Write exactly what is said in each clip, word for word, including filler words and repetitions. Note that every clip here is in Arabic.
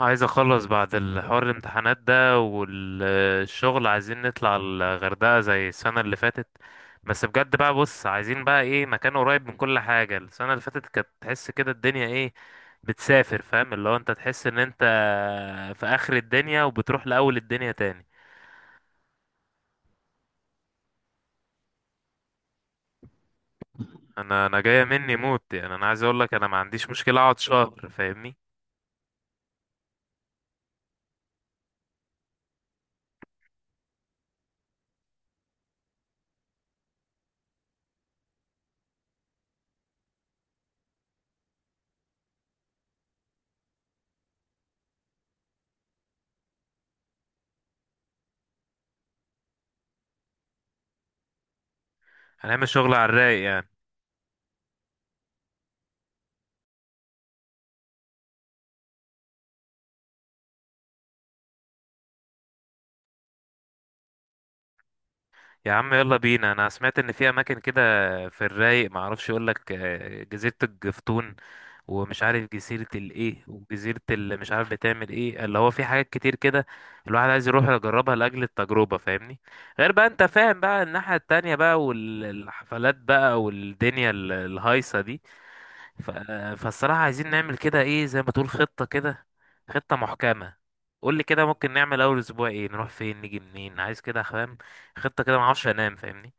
عايز اخلص بعد الحوار الامتحانات ده والشغل، عايزين نطلع الغردقة زي السنة اللي فاتت. بس بجد بقى، بص، عايزين بقى ايه؟ مكان قريب من كل حاجة. السنة اللي فاتت كانت تحس كده الدنيا ايه، بتسافر، فاهم؟ اللي هو انت تحس ان انت في اخر الدنيا وبتروح لاول الدنيا تاني. انا انا جاية مني موت، يعني انا عايز اقول لك انا ما عنديش مشكلة اقعد شهر، فاهمني. هنعمل شغل على الرايق يعني. يا عم يلا بينا. انا سمعت ان في اماكن كده، في الرايق، ما اعرفش اقول لك آه، جزيره الجفتون، ومش عارف جزيره الايه، وجزيره اللي مش عارف بتعمل ايه، اللي هو في حاجات كتير كده الواحد عايز يروح يجربها لاجل التجربه، فاهمني. غير بقى، انت فاهم بقى، الناحيه التانية بقى، والحفلات بقى، والدنيا ال- الهايصه دي. ف... فالصراحة عايزين نعمل كده ايه، زي ما تقول، خطة كده، خطة محكمة. قول لي كده، ممكن نعمل اول اسبوع ايه؟ نروح فين، نيجي منين؟ عايز كده، فاهم، خطة كده ما اعرفش انام، فاهمني.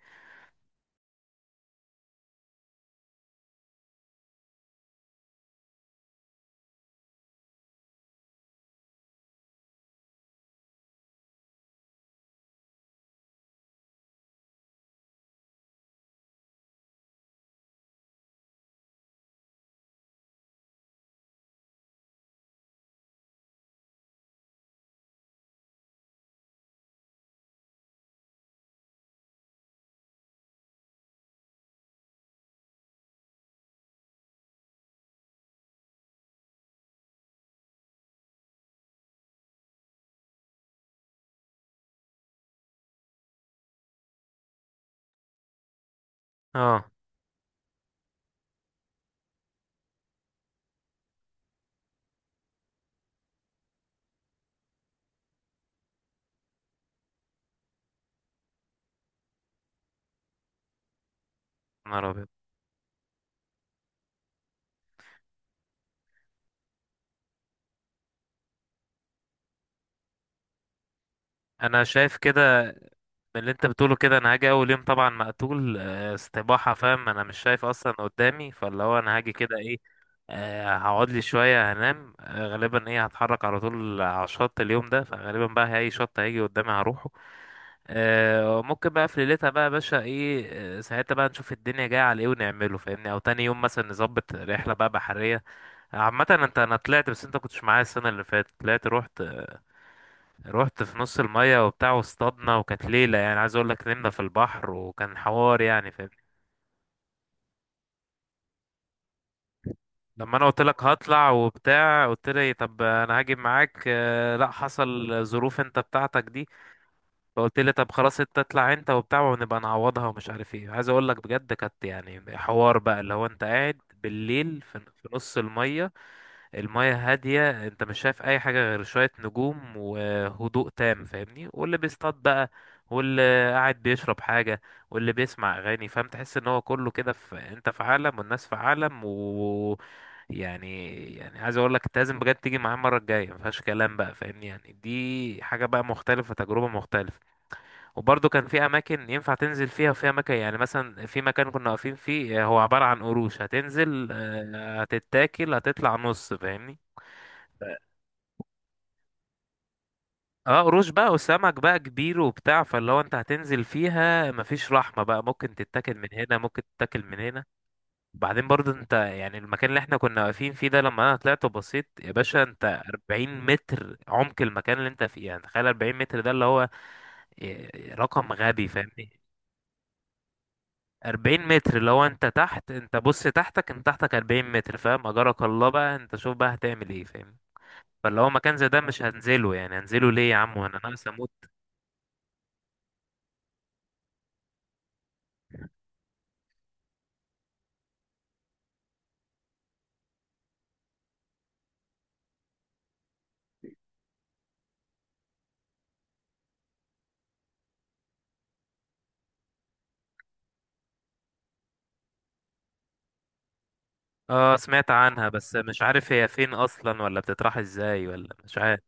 اه، نهار ابيض. انا شايف كده من اللي انت بتقوله. كده انا هاجي اول يوم طبعا مقتول، آه، استباحة، فاهم؟ انا مش شايف اصلا قدامي، فاللي هو انا هاجي كده ايه، آه، هقعد لي شوية هنام، آه، غالبا ايه، هتحرك على طول على الشط اليوم ده. فغالبا بقى اي شط هيجي قدامي هروح. آه، ممكن بقى في ليلتها بقى يا باشا ايه، آه، ساعتها بقى نشوف الدنيا جايه على ايه ونعمله، فاهمني، او تاني يوم مثلا نظبط رحله بقى بحريه. عامه انت، انا طلعت بس انت كنتش معايا السنه اللي فاتت. طلعت، رحت، رحت في نص الميه وبتاع، واصطادنا، وكانت ليله يعني عايز اقول لك، نمنا في البحر، وكان حوار يعني فاهمني. لما انا قلت لك هطلع وبتاع، قلت لي طب انا هاجي معاك، آه، لا، حصل ظروف انت بتاعتك دي، فقلت لي طب خلاص انت اطلع انت وبتاع، ونبقى نعوضها ومش عارف ايه. عايز اقول لك بجد كانت يعني حوار بقى، اللي هو انت قاعد بالليل في في نص المية، المية هادية، انت مش شايف اي حاجة غير شوية نجوم وهدوء تام، فاهمني. واللي بيصطاد بقى، واللي قاعد بيشرب حاجة، واللي بيسمع اغاني، فاهم؟ تحس ان هو كله كده، في انت في عالم والناس في عالم. و يعني يعني عايز اقول لك، انت لازم بجد تيجي معايا المره الجايه، ما فيهاش كلام بقى فاهمني. يعني دي حاجه بقى مختلفه، تجربه مختلفه. وبرضه كان في اماكن ينفع تنزل فيها، وفي اماكن يعني مثلا في مكان كنا واقفين فيه آه، هو عبارة عن قروش، هتنزل آه، هتتاكل، هتطلع نص، فاهمني. اه، قروش بقى وسمك بقى كبير وبتاع. فاللي هو انت هتنزل فيها مفيش رحمة بقى، ممكن تتاكل من هنا، ممكن تتاكل من هنا. وبعدين برضه انت يعني المكان اللي احنا كنا واقفين فيه ده لما انا طلعت وبصيت يا باشا، انت 40 متر عمق المكان اللي انت فيه. يعني تخيل 40 متر، ده اللي هو إيه، رقم غبي، فاهمني. 40 متر، لو انت تحت، انت بص تحتك، انت تحتك 40 متر، فاهم؟ اجرك الله بقى، انت شوف بقى هتعمل ايه، فاهم؟ فاللي هو مكان زي ده مش هنزله. يعني هنزله ليه يا عم وانا ناقص اموت؟ اه، سمعت عنها بس مش عارف هي فين اصلا، ولا بتطرح ازاي، ولا مش عارف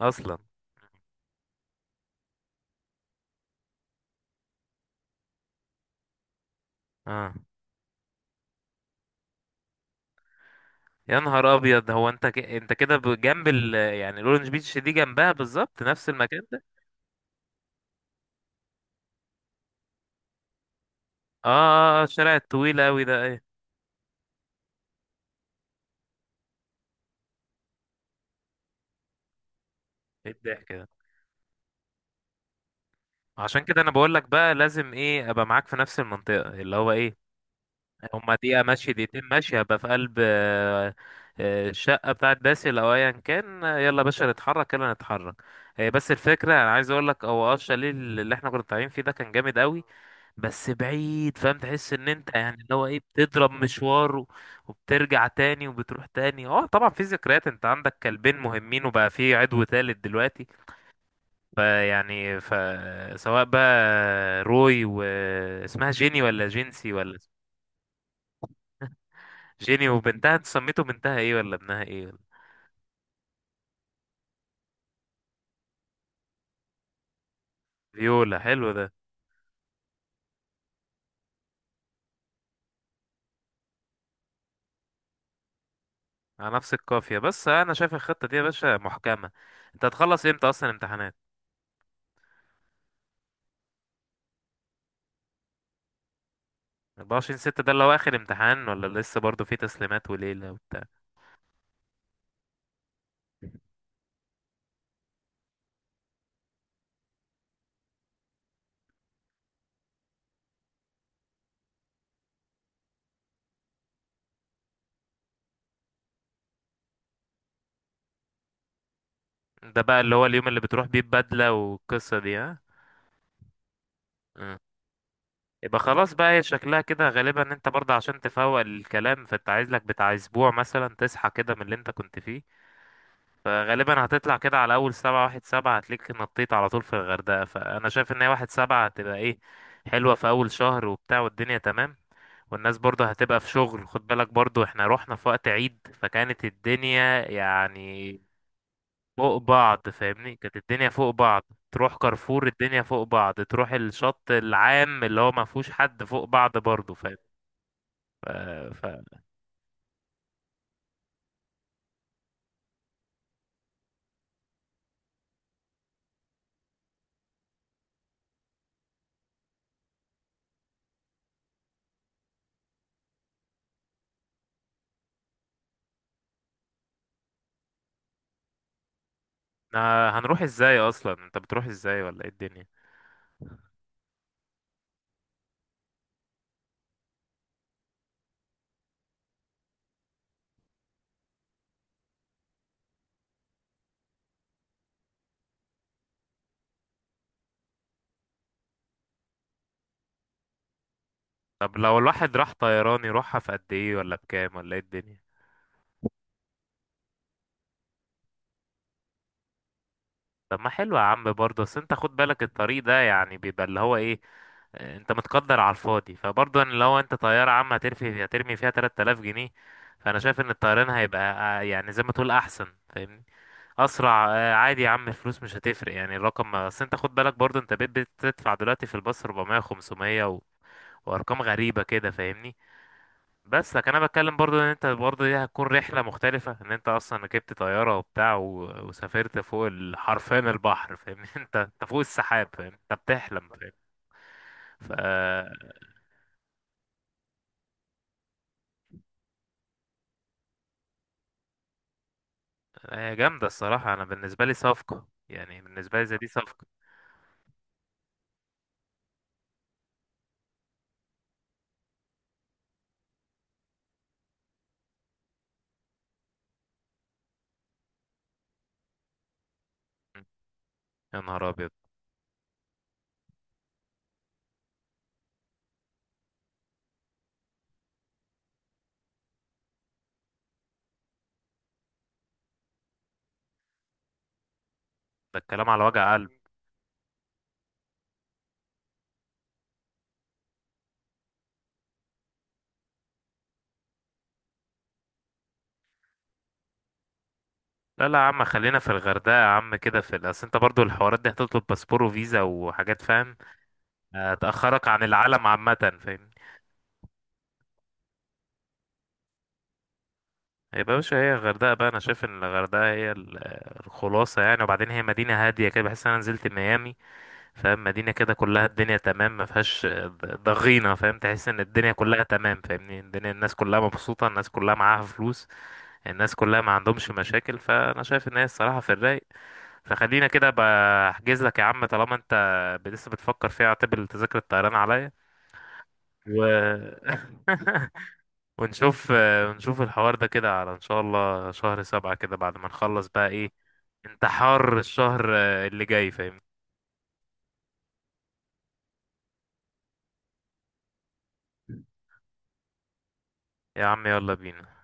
اصلا. اه، يا نهار ابيض، هو انت ك... انت كده ب- جنب ال... يعني الاورنج بيتش دي جنبها بالظبط، نفس المكان ده؟ اه، آه، آه، الشارع الطويل قوي ده، ايه؟ ايه الضحك ده؟ عشان كده انا بقول لك بقى لازم ايه، ابقى معاك في نفس المنطقة، اللي هو ايه، هما دقيقة ماشية، دقيقتين ماشية، هبقى في قلب آه، آه، الشقة بتاعت باسل أو أيا كان. آه، يلا يا باشا نتحرك، يلا نتحرك. هي بس الفكرة أنا عايز أقول لك، هو أه الشاليه اللي إحنا كنا طالعين فيه ده كان جامد أوي، بس بعيد، فاهم؟ تحس إن أنت يعني اللي هو إيه، بتضرب مشوار و- وبترجع تاني، وبتروح تاني. أه طبعا في ذكريات. أنت عندك كلبين مهمين، وبقى في عدو تالت دلوقتي. فيعني فسواء بقى روي، واسمها جيني ولا جينسي ولا جيني. وبنتها انت سميته بنتها ايه ولا ابنها ايه ولا؟ فيولا حلو ده. على نفس القافية. بس انا شايف الخطة دي يا باشا محكمة. انت هتخلص امتى اصلا امتحانات؟ أربعة وعشرين ستة ده اللي هو اخر امتحان، ولا لسه برضه في تسليمات وليلة وبتاع؟ ده بقى اللي هو اليوم اللي بتروح بيه ببدلة والقصة دي، ها؟ مم. يبقى خلاص بقى. هي شكلها كده غالبا ان انت برضه عشان تفوق الكلام، فانت عايز لك بتاع اسبوع مثلا تصحى كده من اللي انت كنت فيه. فغالبا هتطلع كده على اول سبعة. واحد سبعة هتلاقيك نطيت على طول في الغردقة. فانا شايف ان هي واحد سبعة هتبقى ايه، حلوة، في اول شهر وبتاع والدنيا تمام. والناس برضه هتبقى في شغل، خد بالك، برضه احنا رحنا في وقت عيد فكانت الدنيا يعني فوق بعض، فاهمني، كانت الدنيا فوق بعض. تروح كارفور الدنيا فوق بعض، تروح الشط العام اللي هو ما فيهوش حد فوق بعض برضه، فاهم؟ ف... ف... إحنا هنروح ازاي اصلا؟ انت بتروح ازاي ولا ايه الدنيا؟ طب لو الواحد راح طيران يروحها في قد ايه، ولا بكام، ولا ايه الدنيا؟ طب ما حلو يا عم برضه. بس انت خد بالك الطريق ده يعني بيبقى اللي هو ايه، آه، انت متقدر على الفاضي. فبرضه يعني لو انت طيارة عامة، هترفي، هترمي فيها تلت تلاف جنيه. فانا شايف ان الطيران هيبقى آه، يعني زي ما تقول احسن، فاهمني، اسرع. آه، عادي يا عم، الفلوس مش هتفرق يعني، الرقم. اصل انت خد بالك برضه، انت بقيت بتدفع دلوقتي في الباص اربعمية، خمسمية، و... وارقام غريبة كده، فاهمني. بس لكن انا بتكلم برضو، ان انت برضو دي هتكون رحله مختلفه، ان انت اصلا ركبت طياره وبتاع، و... وسافرت فوق ال- حرفيا البحر، فاهمني. انت، انت فوق السحاب، فاهم؟ انت بتحلم، فاهم؟ ف، هي جامده الصراحه. انا بالنسبه لي صفقه، يعني بالنسبه لي زي دي صفقه. م. يا نهار ابيض. ده الكلام على وجع قلب. لا لا يا عم، خلينا في الغردقه يا عم كده، في ال- اصل انت برضو الحوارات دي هتطلب باسبور وفيزا وحاجات، فاهم؟ هتاخرك عن العالم عامه، فاهم؟ يا باشا هي الغردقة بقى. أنا شايف إن الغردقة هي ال- الخلاصة يعني. وبعدين هي مدينة هادية كده، بحس إن أنا نزلت ميامي، فاهم؟ مدينة كده كلها الدنيا تمام، ما فيهاش ضغينة، فاهم؟ تحس إن الدنيا كلها تمام، فاهمني. الدنيا الناس كلها مبسوطة، الناس كلها معاها فلوس، الناس كلها ما عندهمش مشاكل. فأنا شايف إن هي الصراحة في الرايق. فخلينا كده. بحجز لك يا عم، طالما أنت لسه بتفكر فيها، اعتبر تذاكر الطيران عليا. و ونشوف آه، ونشوف الحوار ده كده، على ان شاء الله شهر سبعة كده بعد ما نخلص بقى ايه، انتحار الشهر آه، اللي جاي، فاهم؟ يا عم يلا بينا.